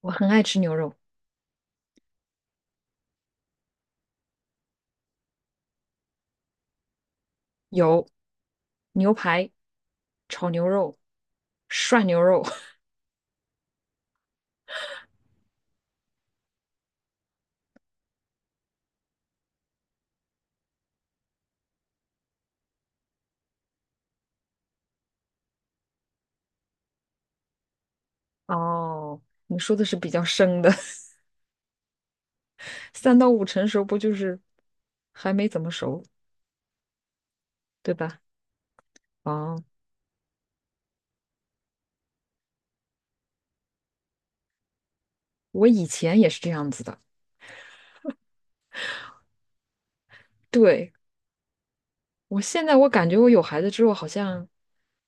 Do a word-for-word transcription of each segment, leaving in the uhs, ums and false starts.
我很爱吃牛肉，有牛排、炒牛肉、涮牛肉。哦，你说的是比较生的，三到五成熟不就是还没怎么熟，对吧？哦，我以前也是这样子的。对，我现在我感觉我有孩子之后，好像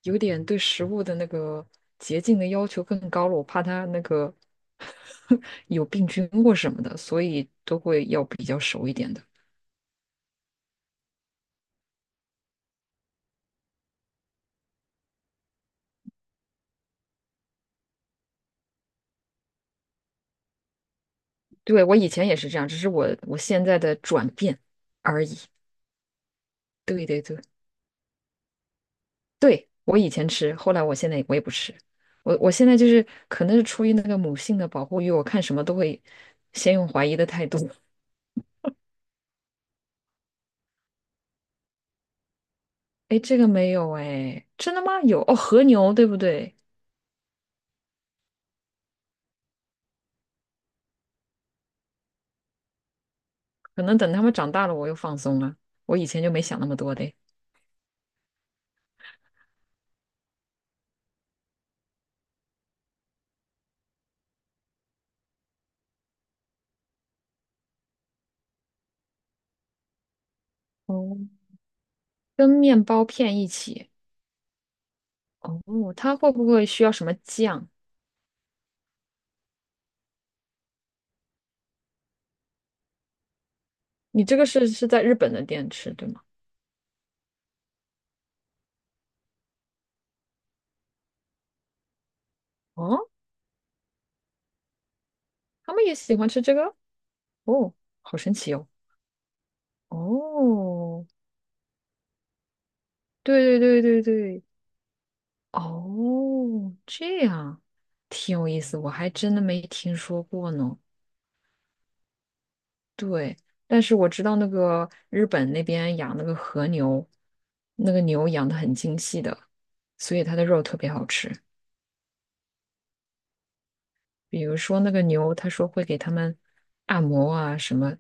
有点对食物的那个洁净的要求更高了，我怕他那个 有病菌或什么的，所以都会要比较熟一点的。对，我以前也是这样，只是我我现在的转变而已。对对对对，我以前吃，后来我现在我也不吃。我我现在就是可能是出于那个母性的保护欲，我看什么都会先用怀疑的态度。哎，这个没有哎，真的吗？有哦，和牛对不对？可能等他们长大了，我又放松了。我以前就没想那么多的。哦，跟面包片一起。哦，它会不会需要什么酱？你这个是是在日本的店吃，对吗？哦，他们也喜欢吃这个？哦，好神奇哦！哦，对对对对对，哦，这样挺有意思，我还真的没听说过呢。对，但是我知道那个日本那边养那个和牛，那个牛养的很精细的，所以它的肉特别好吃。比如说那个牛，他说会给他们按摩啊什么，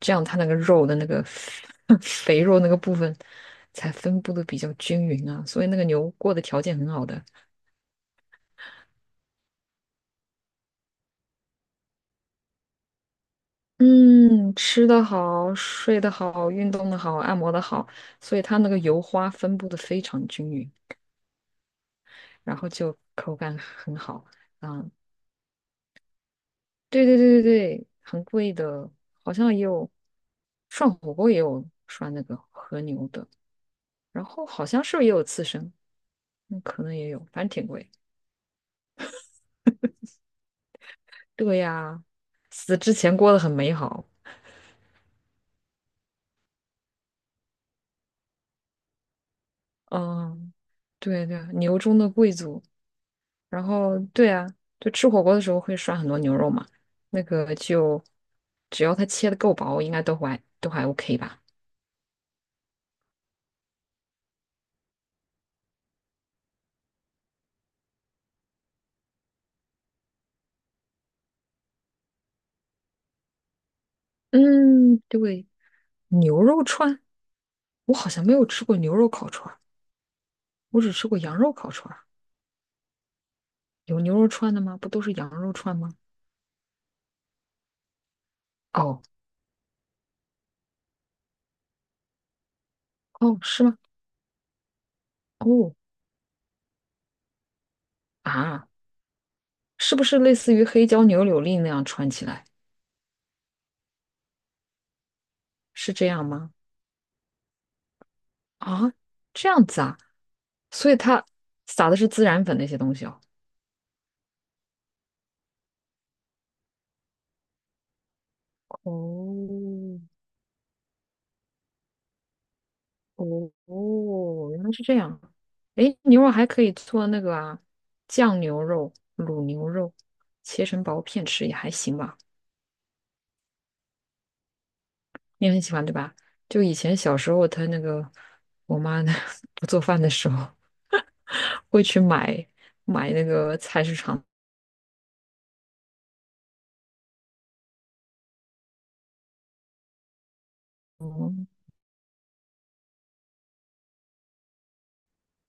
这样它那个肉的那个 肥肉那个部分才分布的比较均匀啊，所以那个牛过的条件很好的。嗯，吃的好，睡得好，运动的好，按摩的好，所以它那个油花分布的非常均匀，然后就口感很好啊。对对对对对，很贵的，好像也有涮火锅也有涮那个和牛的。然后好像是不是也有刺身？那可能也有，反正挺贵。对呀，死之前过得很美好。嗯，对对，牛中的贵族。然后对啊，就吃火锅的时候会涮很多牛肉嘛，那个就只要它切的够薄，应该都还都还 O K 吧。嗯，对，牛肉串，我好像没有吃过牛肉烤串儿，我只吃过羊肉烤串儿。有牛肉串的吗？不都是羊肉串吗？哦哦，是吗？哦啊。是不是类似于黑椒牛柳粒那样穿起来？是这样吗？啊，这样子啊，所以它撒的是孜然粉那些东西哦。哦哦哦，原来是这样。诶，牛肉还可以做那个啊，酱牛肉、卤牛肉，切成薄片吃也还行吧。你很喜欢对吧？就以前小时候，他那个我妈呢 不做饭的时候，会去买买那个菜市场。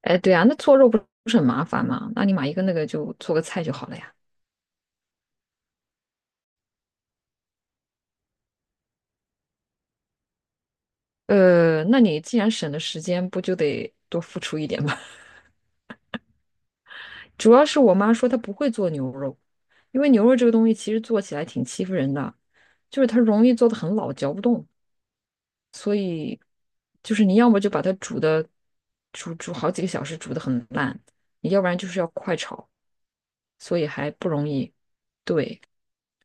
哎，对啊，那做肉不是很麻烦吗？那你买一个那个就做个菜就好了呀。呃，那你既然省了时间，不就得多付出一点吗？主要是我妈说她不会做牛肉，因为牛肉这个东西其实做起来挺欺负人的，就是它容易做的很老，嚼不动，所以就是你要么就把它煮的煮煮好几个小时，煮的很烂，你要不然就是要快炒，所以还不容易。对，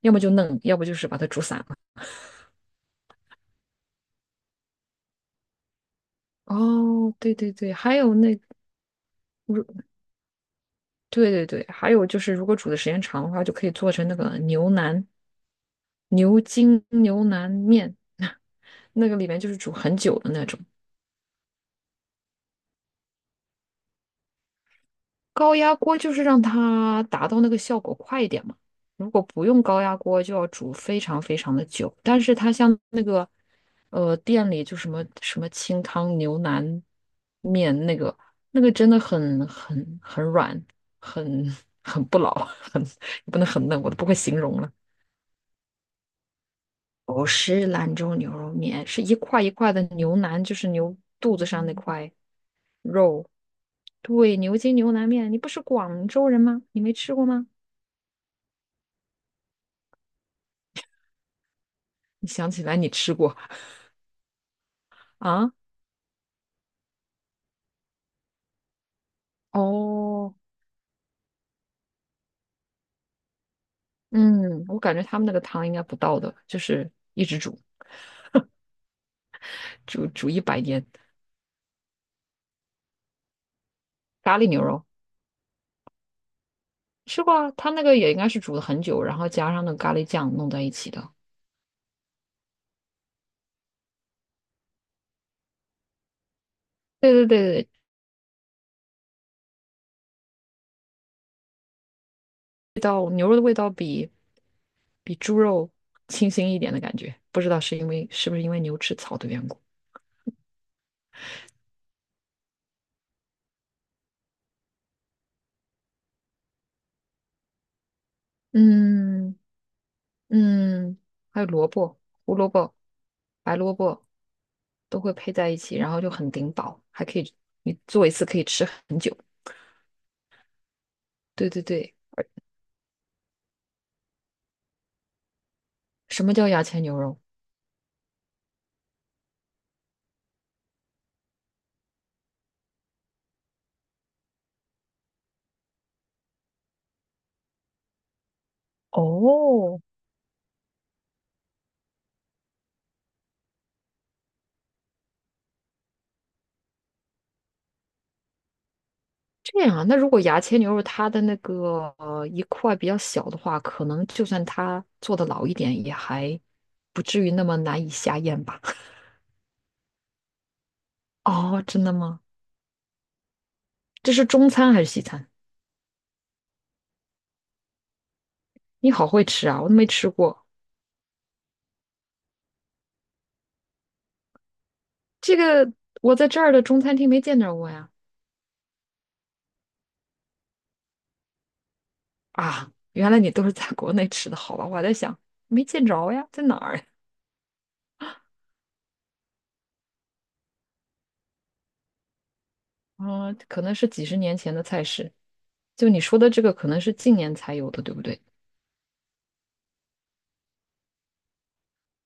要么就嫩，要不就是把它煮散了。哦，对对对，还有那。如对对对，还有就是，如果煮的时间长的话，就可以做成那个牛腩、牛筋牛腩面，那个里面就是煮很久的那种。高压锅就是让它达到那个效果快一点嘛。如果不用高压锅，就要煮非常非常的久。但是它像那个呃店里就什么什么清汤牛腩面那个那个真的很很很软，很 很不老，很也不能很嫩，我都不会形容了。不是兰州牛肉面，是一块一块的牛腩，就是牛肚子上那块肉。对，牛筋牛腩面，你不是广州人吗？你没吃过吗？你想起来你吃过啊？哦，嗯，我感觉他们那个汤应该不倒的，就是一直煮，煮煮一百年。咖喱牛肉吃过啊，他那个也应该是煮了很久，然后加上那个咖喱酱弄在一起的。对对对对，味道牛肉的味道比比猪肉清新一点的感觉。不知道是因为是不是因为牛吃草的缘故。嗯嗯，还有萝卜、胡萝卜、白萝卜都会配在一起，然后就很顶饱，还可以。你做一次可以吃很久。对对对，什么叫牙签牛肉？哦，这样啊。那如果牙签牛肉它的那个呃一块比较小的话，可能就算它做的老一点，也还不至于那么难以下咽吧？哦，真的吗？这是中餐还是西餐？你好会吃啊，我都没吃过。这个我在这儿的中餐厅没见着过呀。啊，原来你都是在国内吃的，好吧？我还在想，没见着呀，在哪儿。 嗯，啊可能是几十年前的菜式。就你说的这个，可能是近年才有的，对不对？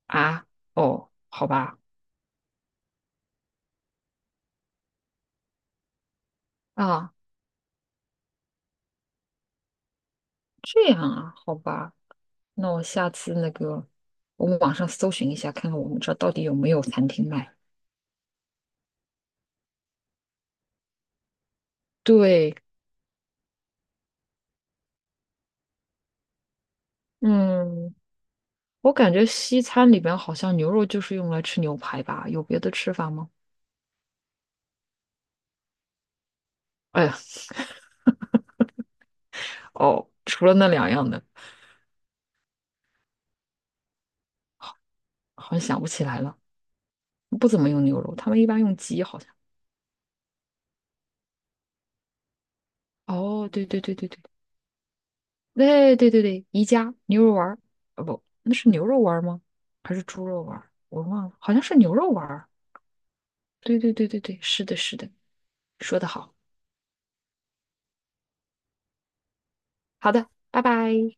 啊，哦，好吧，啊，这样啊，好吧。那我下次那个，我们网上搜寻一下，看看我们这儿到底有没有餐厅卖。对，嗯。我感觉西餐里边好像牛肉就是用来吃牛排吧，有别的吃法吗？哎呀，哦，除了那两样的，好像想不起来了。不怎么用牛肉，他们一般用鸡，好像。哦，对对对对对，对对对对，宜家牛肉丸儿，啊不，那是牛肉丸儿吗？还是猪肉丸儿？我忘了，好像是牛肉丸儿。对对对对对，是的，是的，说得好。好的，拜拜。